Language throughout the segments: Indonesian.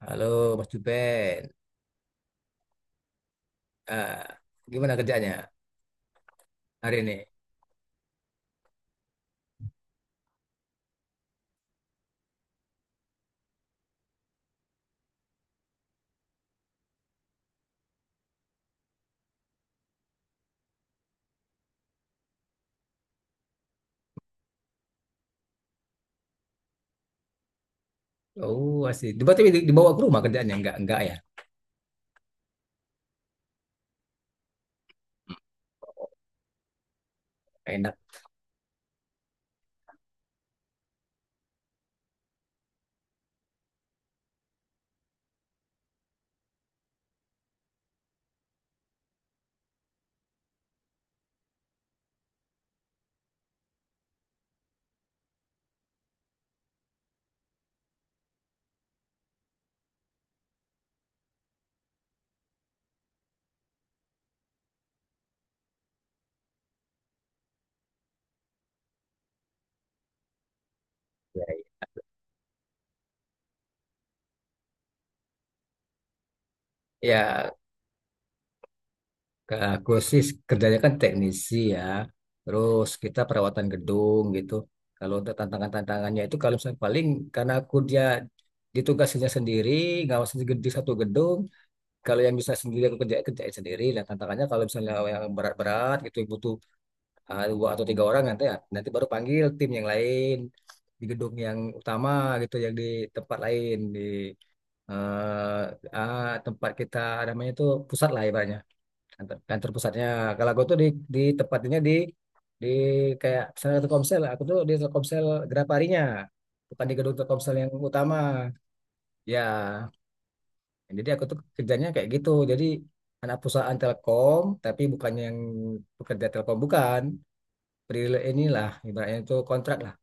Halo, Mas Juben, Ah, gimana kerjanya hari ini? Oh, asik. Berarti dibawa ke rumah kerjanya? Enggak, ya? Enak, ya. Ya, aku sih kerjanya kan teknisi, ya. Terus kita perawatan gedung gitu. Kalau untuk tantangan-tantangannya itu kalau misalnya paling karena aku dia ditugasinya sendiri, ngawasin di satu gedung. Kalau yang bisa sendiri aku kerjain sendiri. Dan tantangannya kalau misalnya yang berat-berat gitu butuh dua atau tiga orang nanti nanti baru panggil tim yang lain di gedung yang utama, gitu yang di tempat lain di tempat kita, namanya itu pusat lah ibaratnya, kantor, kantor pusatnya. Kalau aku tuh di tempatnya, di kayak misalnya Telkomsel, aku tuh di Telkomsel Graparinya, bukan di gedung Telkomsel yang utama, ya. Jadi aku tuh kerjanya kayak gitu, jadi anak perusahaan Telkom tapi bukan yang pekerja Telkom, bukan. Peril inilah ibaratnya, itu kontrak lah,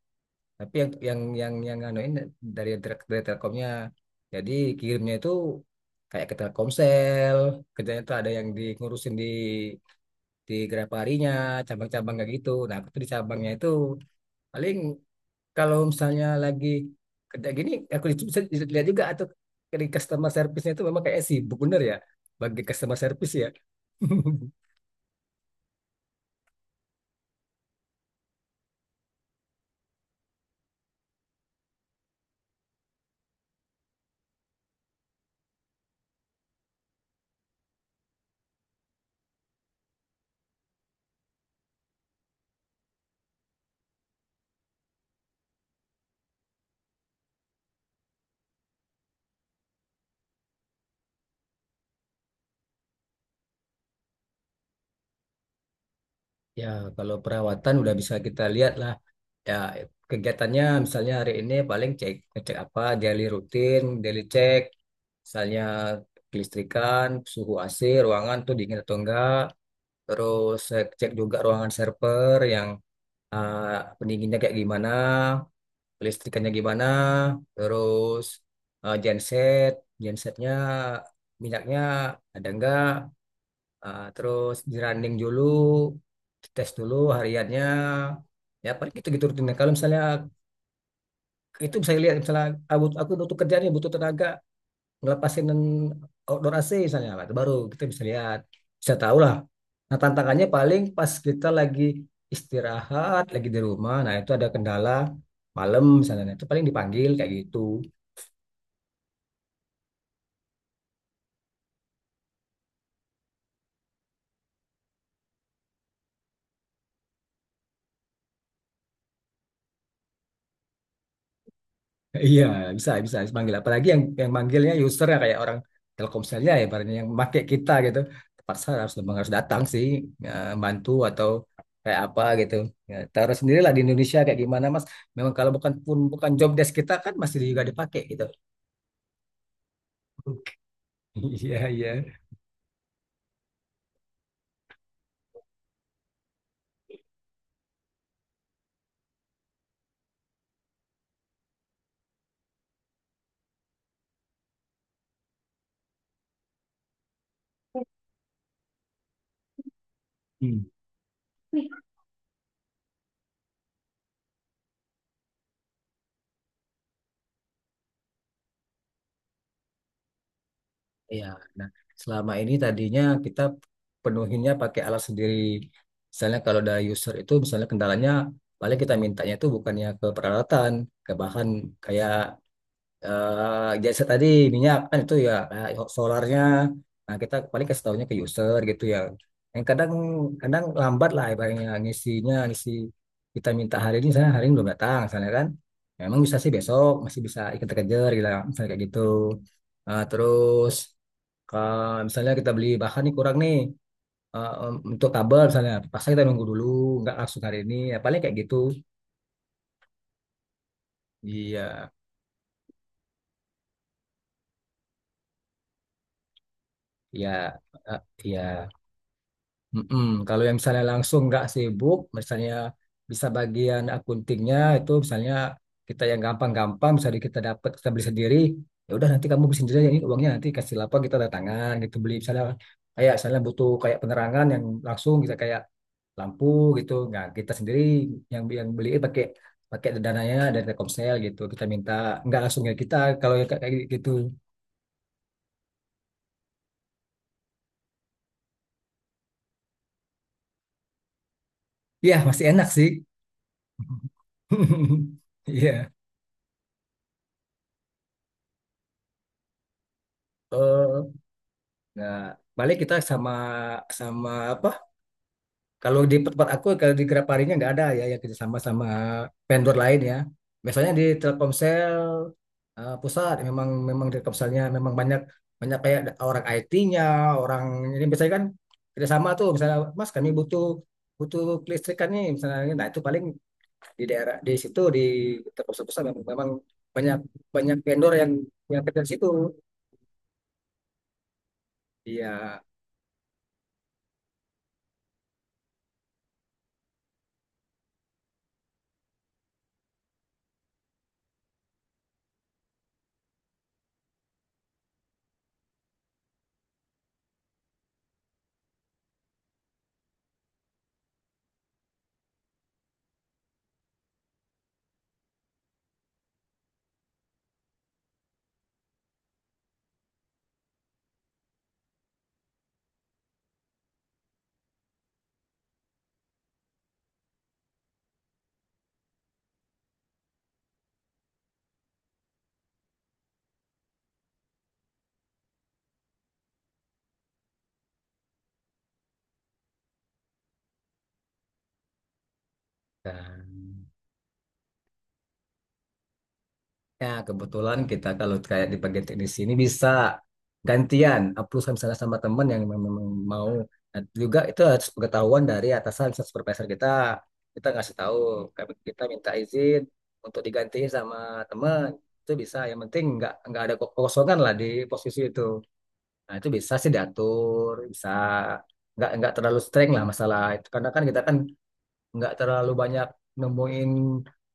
tapi yang anuin dari Telkomnya. Jadi kirimnya itu kayak ke Telkomsel, kerjanya itu ada yang diurusin di Grab harinya, cabang-cabang kayak gitu. Nah aku tuh di cabangnya itu, paling kalau misalnya lagi kerja gini aku bisa lihat juga, atau dari customer service-nya itu memang kayak sibuk bener, ya, bagi customer service, ya. Ya, kalau perawatan udah bisa kita lihat lah. Ya, kegiatannya misalnya hari ini paling cek, ngecek apa daily rutin, daily check, misalnya kelistrikan, suhu AC, ruangan tuh dingin atau enggak, terus saya cek juga ruangan server yang pendinginnya kayak gimana, kelistrikannya gimana, terus eh, genset, gensetnya minyaknya ada enggak. Terus di running dulu, tes dulu hariannya, ya paling gitu-gitu rutinnya. Kalau misalnya itu bisa lihat, misalnya aku untuk kerja nih butuh tenaga ngelepasin outdoor AC misalnya. Nah, itu baru kita bisa lihat, bisa tahu lah. Nah tantangannya paling pas kita lagi istirahat lagi di rumah, nah itu ada kendala malam misalnya. Nah, itu paling dipanggil kayak gitu. Iya, bisa manggil. Apalagi yang manggilnya user, ya, kayak orang Telkomselnya, ya, barangnya yang pakai kita gitu. Terpaksa harus, memang harus datang sih, ya, bantu atau kayak apa gitu. Ya, taruh sendirilah di Indonesia kayak gimana, Mas. Memang kalau bukan pun bukan job desk kita kan masih juga dipakai gitu. Iya, iya. Hmm. Iya. Nah, selama ini tadinya kita penuhinnya pakai alat sendiri. Misalnya kalau ada user itu misalnya kendalanya, paling kita mintanya itu bukannya ke peralatan, ke bahan kayak jasa tadi, minyak kan itu, ya, kayak solarnya, nah kita paling kasih tahunya ke user, gitu ya. Yang kadang kadang lambat lah ibaratnya ngisinya, ngisi kita minta hari ini misalnya, hari ini belum datang misalnya, kan memang bisa sih besok masih bisa kita kejar gitu misalnya, kayak gitu. Nah, terus ke misalnya kita beli bahan nih kurang nih, untuk kabel misalnya pasang, kita nunggu dulu, nggak langsung hari ini, ya paling kayak gitu. Iya, iya, eh, iya. Mm-mm. Kalau yang misalnya langsung nggak sibuk, misalnya bisa bagian akuntingnya itu, misalnya kita yang gampang-gampang, misalnya kita dapat, kita beli sendiri, ya udah nanti kamu beli sendiri aja, ini uangnya nanti kasih lapor, kita ada tangan gitu, beli misalnya kayak misalnya butuh kayak penerangan yang langsung kita kayak lampu gitu, nggak kita sendiri yang beli, pakai pakai dananya dari Telkomsel gitu, kita minta nggak langsung, ya kita kalau yang kayak kayak gitu, ya masih enak sih. Iya. Nah, balik kita, sama sama apa? Kalau di tempat aku kalau di Graparinya nggak ada ya yang kerja sama sama vendor lain, ya. Biasanya di Telkomsel pusat, memang memang di Telkomselnya memang banyak banyak kayak ada orang IT-nya, orang ini biasanya kan kerja sama tuh, misalnya Mas kami butuh butuh kelistrikan nih misalnya, nah itu paling di daerah di situ di Telkomsel pusat memang, banyak banyak vendor yang kerja di situ. Iya. Nah. Ya, kebetulan kita kalau kayak di bagian teknis ini bisa gantian upload misalnya sama teman yang memang memang mau. Nah, juga itu harus pengetahuan dari atasan, misalnya supervisor kita kita ngasih tahu, kami kita minta izin untuk digantiin sama teman, itu bisa, yang penting nggak ada kekosongan lah di posisi itu. Nah itu bisa sih diatur, bisa, nggak terlalu streng lah masalah itu karena kan kita kan nggak terlalu banyak nemuin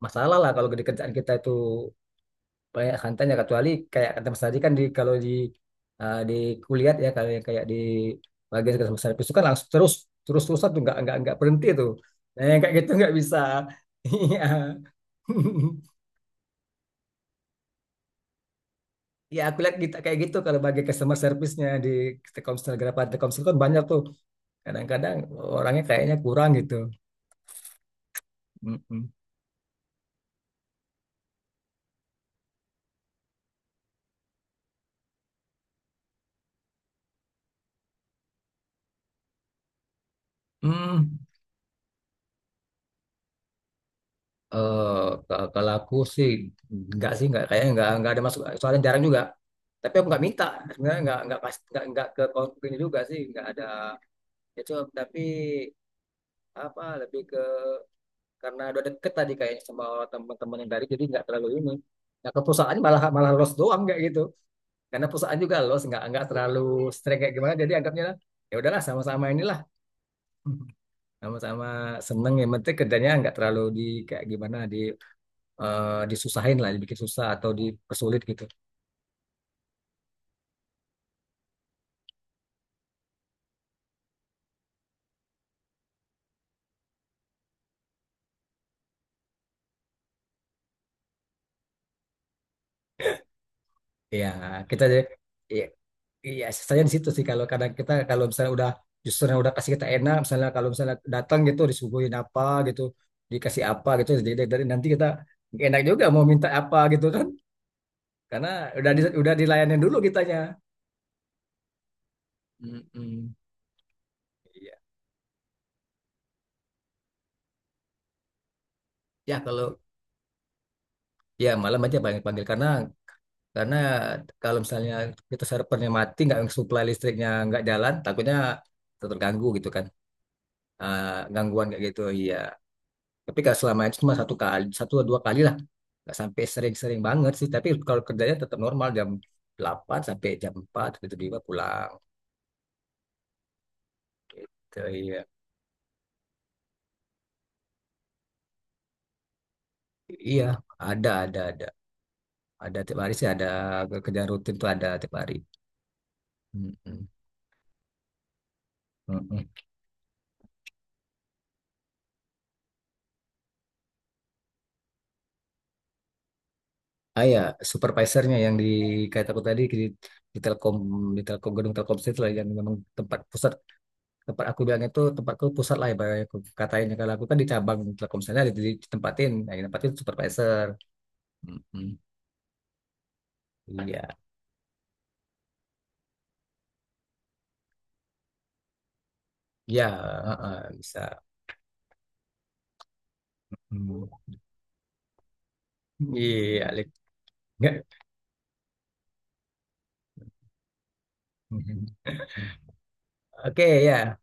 masalah lah kalau di kerjaan kita itu, banyak santannya, kecuali kayak kata Mas tadi kan, di kalau di di kuliah, ya, kalau yang kayak di bagian kerja Mas Hafiz itu kan langsung terus terus terus tuh, nggak berhenti tuh. Nah yang kayak gitu nggak bisa. Iya. Ya, aku lihat kita kayak gitu, kalau bagi customer service-nya di Telkomsel, Grab Telkomsel kan banyak tuh. Kadang-kadang orangnya kayaknya kurang gitu. Mm-mm. Hmm. eh kalau aku sih nggak sih nggak, kayaknya nggak ada masuk soalnya jarang juga, tapi aku nggak minta, sebenarnya nggak pas, nggak ke konflik juga sih, nggak ada itu, tapi apa, lebih ke karena udah deket tadi kayaknya sama teman-teman yang dari, jadi nggak terlalu ini. Nah ke perusahaan malah malah los doang kayak gitu, karena perusahaan juga los, nggak terlalu streng kayak gimana, jadi anggapnya ya udahlah sama-sama inilah. sama-sama seneng, yang penting kerjanya nggak terlalu di kayak gimana, disusahin lah, dibikin susah atau dipersulit gitu. Ya, kita jadi ya, iya saya di situ sih, kalau kadang kita kalau misalnya udah, justru yang udah kasih kita enak, misalnya kalau misalnya datang gitu disuguhin apa gitu, dikasih apa gitu, jadi dari nanti kita nggak enak juga mau minta apa gitu kan, karena udah udah dilayanin dulu kitanya. Mm-mm. Iya. Ya kalau Ya malam aja banyak panggil, karena kalau misalnya kita servernya mati, nggak supply listriknya nggak jalan, takutnya terganggu gitu kan. eh, Gangguan kayak gitu, iya. Tapi kalau selama itu cuma satu kali, satu atau dua kali lah, nggak sampai sering-sering banget sih, tapi kalau kerjanya tetap normal jam 8 sampai jam 4, tiba-tiba pulang gitu. Iya, iya, ada ada ada ada tiap hari sih, ada kerjaan rutin tuh ada tiap hari. Mm-mm. Mm-mm. Ya, supervisornya yang di kata aku tadi di Telkom, di Telkom gedung Telkomsel itu lah yang memang tempat pusat, tempat aku bilangnya tuh tempatku pusat lah ibaratnya, aku katanya kalau aku kan di cabang Telkomselnya ditempatin, nah, ditempatin supervisor. Mm-mm. Iya. Iya. Heeh, bisa. Mm. Iya, Lik. Nggak. oke, ya,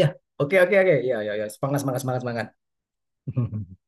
ya. Oke, oke, oke. Ya, ya, ya. Semangat, semangat, semangat, semangat.